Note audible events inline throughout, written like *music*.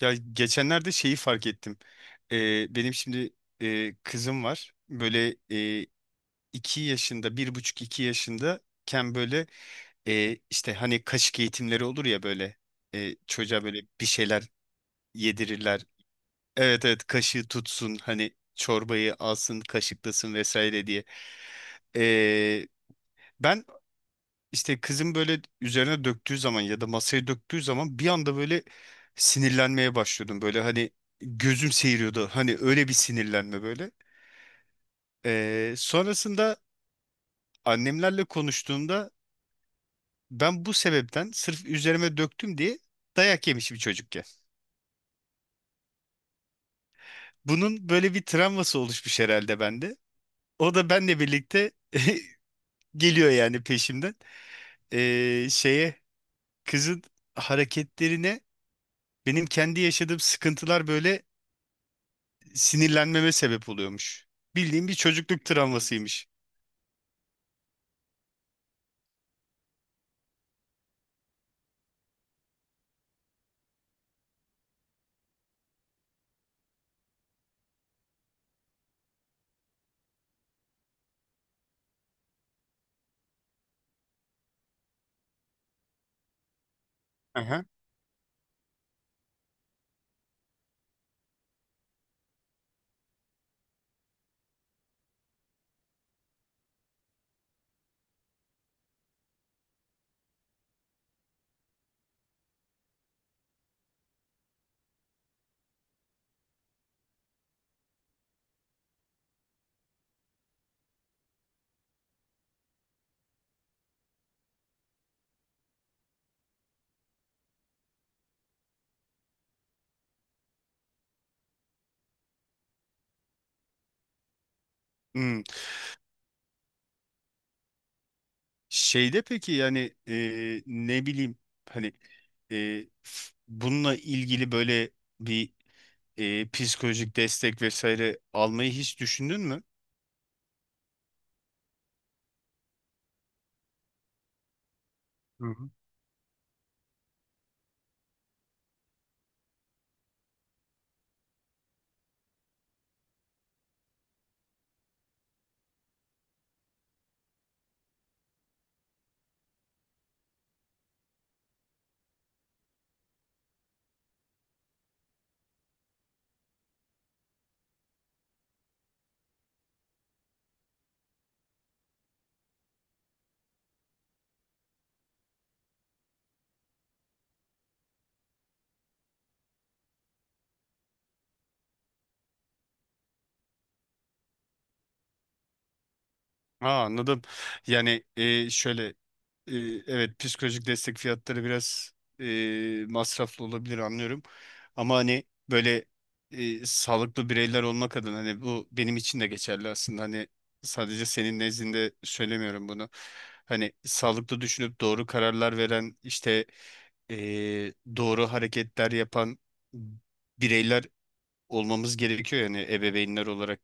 Ya geçenlerde şeyi fark ettim. Benim şimdi kızım var. Böyle iki yaşında, bir buçuk iki yaşındayken böyle işte hani kaşık eğitimleri olur ya böyle çocuğa böyle bir şeyler yedirirler. Evet, evet, kaşığı tutsun hani, çorbayı alsın kaşıklasın vesaire diye. Ee, Ben işte kızın böyle üzerine döktüğü zaman ya da masaya döktüğü zaman bir anda böyle sinirlenmeye başlıyordum. Böyle hani gözüm seyiriyordu. Hani öyle bir sinirlenme böyle. Sonrasında annemlerle konuştuğumda ben bu sebepten sırf üzerime döktüm diye dayak yemişim çocukken. Bunun böyle bir travması oluşmuş herhalde bende. O da benle birlikte *laughs* geliyor yani, peşimden. Şeye Kızın hareketlerine benim kendi yaşadığım sıkıntılar böyle sinirlenmeme sebep oluyormuş. Bildiğim bir çocukluk travmasıymış. Aha. Hmm. Şeyde peki, yani ne bileyim hani bununla ilgili böyle bir psikolojik destek vesaire almayı hiç düşündün mü? Aa, anladım. Yani şöyle, e, evet, psikolojik destek fiyatları biraz masraflı olabilir, anlıyorum. Ama hani böyle sağlıklı bireyler olmak adına, hani bu benim için de geçerli aslında. Hani sadece senin nezdinde söylemiyorum bunu. Hani sağlıklı düşünüp doğru kararlar veren, işte e, doğru hareketler yapan bireyler olmamız gerekiyor yani, ebeveynler olarak.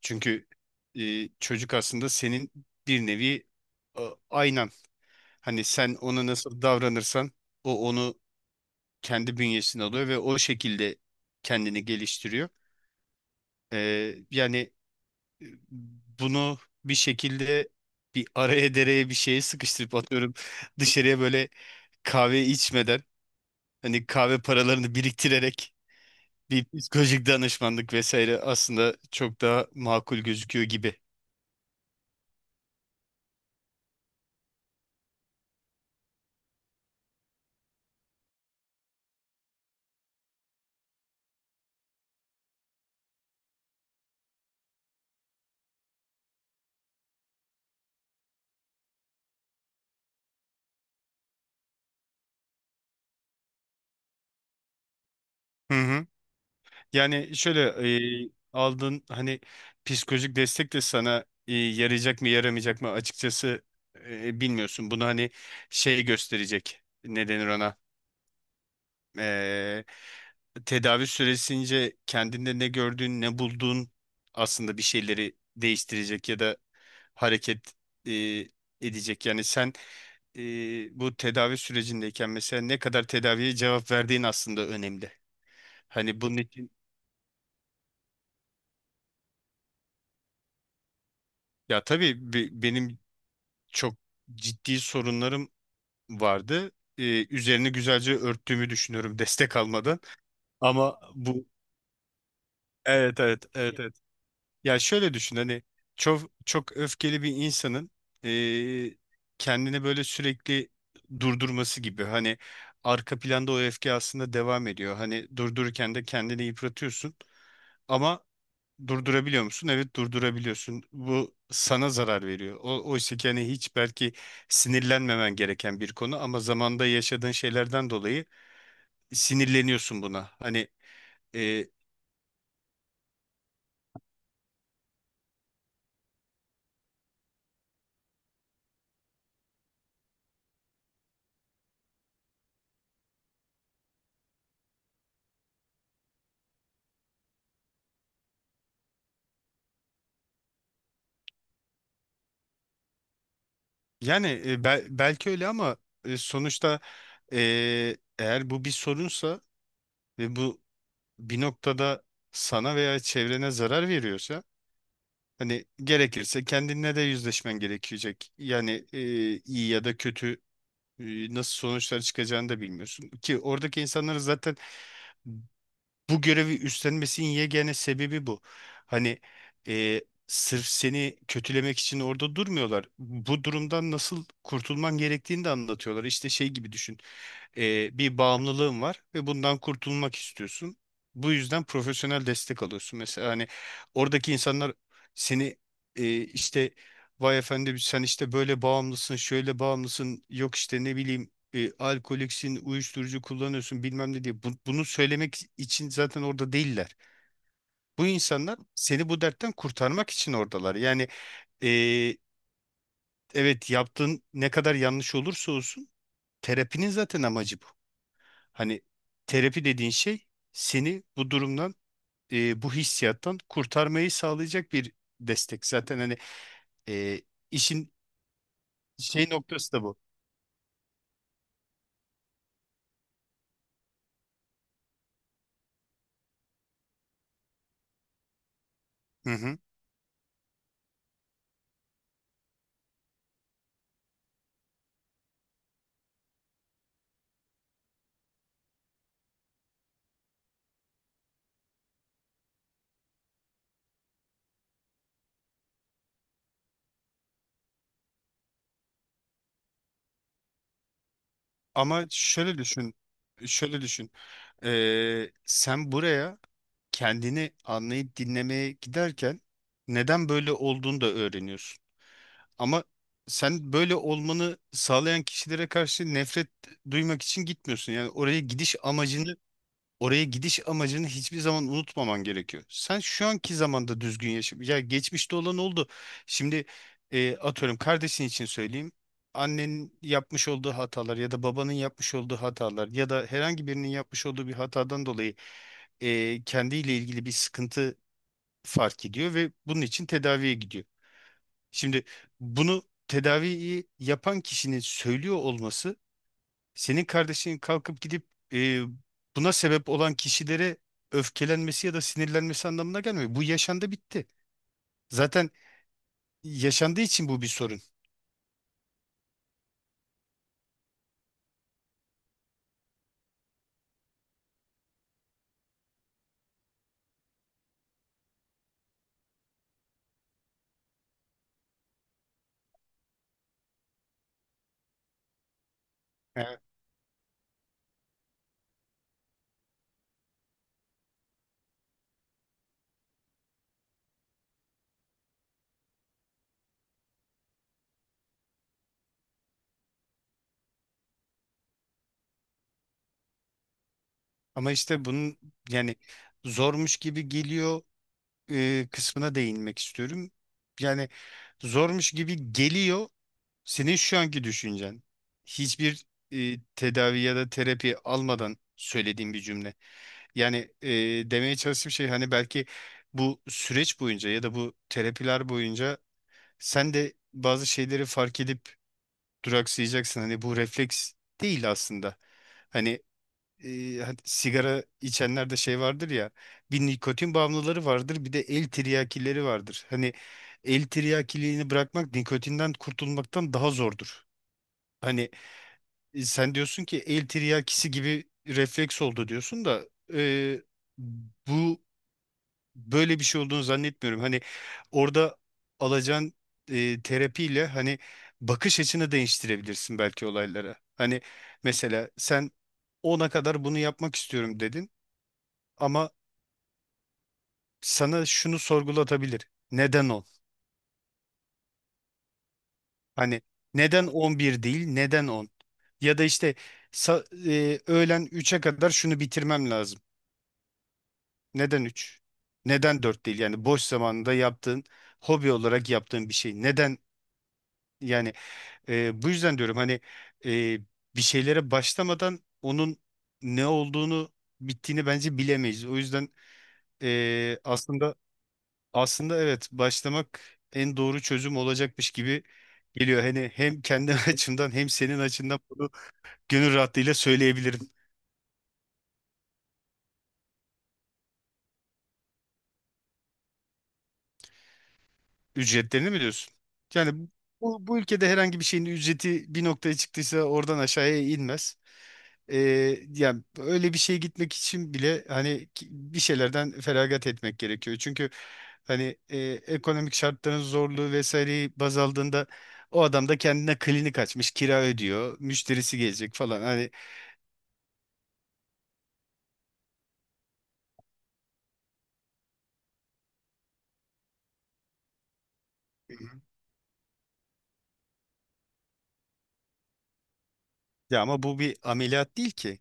Çünkü çocuk aslında senin bir nevi e, aynan. Hani sen ona nasıl davranırsan, o onu kendi bünyesine alıyor ve o şekilde kendini geliştiriyor. Yani e, bunu bir şekilde bir araya dereye bir şeye sıkıştırıp atıyorum *laughs* dışarıya, böyle kahve içmeden, hani kahve paralarını biriktirerek bir psikolojik danışmanlık vesaire, aslında çok daha makul gözüküyor gibi. Hı hı. Yani şöyle, aldığın hani psikolojik destek de sana yarayacak mı yaramayacak mı, açıkçası bilmiyorsun. Bunu hani şey gösterecek, ne denir ona, eee, tedavi süresince kendinde ne gördüğün, ne bulduğun aslında bir şeyleri değiştirecek ya da hareket eee, edecek. Yani sen bu tedavi sürecindeyken mesela ne kadar tedaviye cevap verdiğin aslında önemli. Hani bunun için, ya tabii benim çok ciddi sorunlarım vardı. Üzerini güzelce örttüğümü düşünüyorum *laughs* destek almadan. Ama bu, evet, evet, evet, evet. Ya şöyle düşün, hani çok çok öfkeli bir insanın eee, kendini böyle sürekli durdurması gibi, hani arka planda o öfke aslında devam ediyor. Hani durdururken de kendini yıpratıyorsun ama durdurabiliyor musun? Evet, durdurabiliyorsun. Bu sana zarar veriyor. O, oysa ki hani hiç belki sinirlenmemen gereken bir konu ama zamanda yaşadığın şeylerden dolayı sinirleniyorsun buna. Hani eee, yani belki öyle ama sonuçta, eğer bu bir sorunsa ve bu bir noktada sana veya çevrene zarar veriyorsa, hani gerekirse kendinle de yüzleşmen gerekecek. Yani iyi ya da kötü, nasıl sonuçlar çıkacağını da bilmiyorsun. Ki oradaki insanların zaten bu görevi üstlenmesinin yegane sebebi bu. Hani e, sırf seni kötülemek için orada durmuyorlar. Bu durumdan nasıl kurtulman gerektiğini de anlatıyorlar. İşte şey gibi düşün. Bir bağımlılığın var ve bundan kurtulmak istiyorsun. Bu yüzden profesyonel destek alıyorsun. Mesela hani oradaki insanlar seni işte, vay efendim sen işte böyle bağımlısın, şöyle bağımlısın, yok işte ne bileyim alkoliksin, uyuşturucu kullanıyorsun bilmem ne diye. Bunu söylemek için zaten orada değiller. Bu insanlar seni bu dertten kurtarmak için oradalar. Yani e, evet, yaptığın ne kadar yanlış olursa olsun terapinin zaten amacı bu. Hani terapi dediğin şey seni bu durumdan, bu hissiyattan kurtarmayı sağlayacak bir destek. Zaten hani e, işin şey noktası da bu. Hı hı. Ama şöyle düşün, şöyle düşün. E, sen buraya kendini anlayıp dinlemeye giderken neden böyle olduğunu da öğreniyorsun. Ama sen böyle olmanı sağlayan kişilere karşı nefret duymak için gitmiyorsun. Oraya gidiş amacını hiçbir zaman unutmaman gerekiyor. Sen şu anki zamanda düzgün yaşa. Ya geçmişte olan oldu. Şimdi atıyorum, kardeşin için söyleyeyim. Annenin yapmış olduğu hatalar ya da babanın yapmış olduğu hatalar ya da herhangi birinin yapmış olduğu bir hatadan dolayı kendiyle ilgili bir sıkıntı fark ediyor ve bunun için tedaviye gidiyor. Şimdi bunu, tedaviyi yapan kişinin söylüyor olması, senin kardeşin kalkıp gidip e, buna sebep olan kişilere öfkelenmesi ya da sinirlenmesi anlamına gelmiyor. Bu yaşandı bitti. Zaten yaşandığı için bu bir sorun. Evet. Ama işte bunun, yani zormuş gibi geliyor kısmına değinmek istiyorum. Yani zormuş gibi geliyor senin şu anki düşüncen. Hiçbir tedavi ya da terapi almadan söylediğim bir cümle. Yani demeye çalıştığım şey, hani belki bu süreç boyunca ya da bu terapiler boyunca sen de bazı şeyleri fark edip duraksayacaksın. Hani bu refleks değil aslında. Hani e, hani sigara içenlerde şey vardır ya, bir nikotin bağımlıları vardır, bir de el tiryakileri vardır. Hani el tiryakiliğini bırakmak nikotinden kurtulmaktan daha zordur. Hani sen diyorsun ki el tiryakisi gibi refleks oldu diyorsun da e, bu böyle bir şey olduğunu zannetmiyorum. Hani orada alacağın terapiyle, hani bakış açını değiştirebilirsin belki olaylara. Hani mesela sen 10'a kadar bunu yapmak istiyorum dedin, ama sana şunu sorgulatabilir. Neden 10? Hani neden 11 değil, neden 10? Ya da işte öğlen üç'e kadar şunu bitirmem lazım. Neden 3? Neden 4 değil? Yani boş zamanında yaptığın, hobi olarak yaptığın bir şey. Neden yani? Bu yüzden diyorum hani e, bir şeylere başlamadan onun ne olduğunu, bittiğini bence bilemeyiz. O yüzden e, aslında aslında evet, başlamak en doğru çözüm olacakmış gibi geliyor. Hani hem kendi *laughs* açımdan hem senin açından bunu gönül rahatlığıyla söyleyebilirim. Ücretlerini mi diyorsun? Yani bu, bu ülkede herhangi bir şeyin ücreti bir noktaya çıktıysa oradan aşağıya inmez. Ee, Yani öyle bir şeye gitmek için bile hani bir şeylerden feragat etmek gerekiyor. Çünkü hani ekonomik şartların zorluğu vesaireyi baz aldığında o adam da kendine klinik açmış, kira ödüyor, müşterisi gelecek falan. Hani ya, ama bu bir ameliyat değil ki.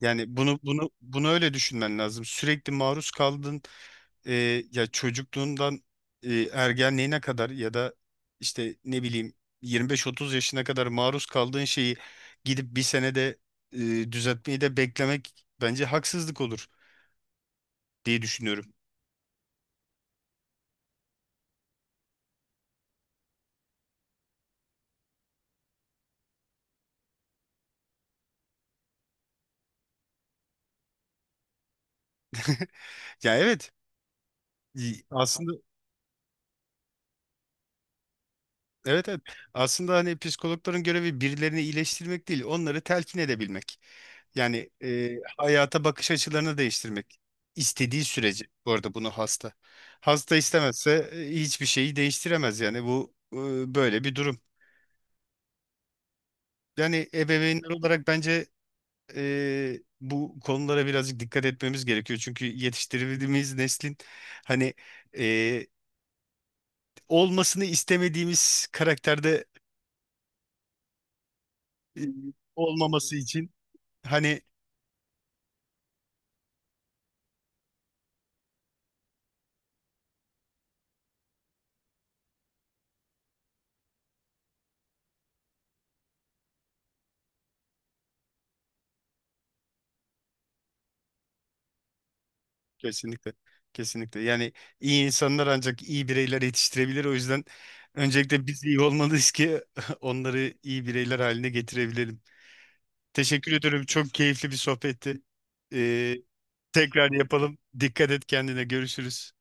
Yani bunu öyle düşünmen lazım. Sürekli maruz kaldın. e, Ya çocukluğundan ergenliğine kadar ya da işte ne bileyim 25-30 yaşına kadar maruz kaldığın şeyi gidip bir senede e, düzeltmeyi de beklemek bence haksızlık olur diye düşünüyorum. *laughs* Ya evet, aslında, evet evet. Aslında hani psikologların görevi birilerini iyileştirmek değil, onları telkin edebilmek. Yani hayata bakış açılarını değiştirmek. İstediği sürece, bu arada, bunu hasta. Hasta istemezse hiçbir şeyi değiştiremez, yani bu böyle bir durum. Yani ebeveynler olarak bence bu konulara birazcık dikkat etmemiz gerekiyor. Çünkü yetiştirdiğimiz neslin, hani e, olmasını istemediğimiz karakterde e, olmaması için hani. Kesinlikle. Kesinlikle. Yani iyi insanlar ancak iyi bireyler yetiştirebilir. O yüzden öncelikle biz iyi olmalıyız ki *laughs* onları iyi bireyler haline getirebilelim. Teşekkür ederim. Çok keyifli bir sohbetti. Ee, Tekrar yapalım. Dikkat et kendine. Görüşürüz.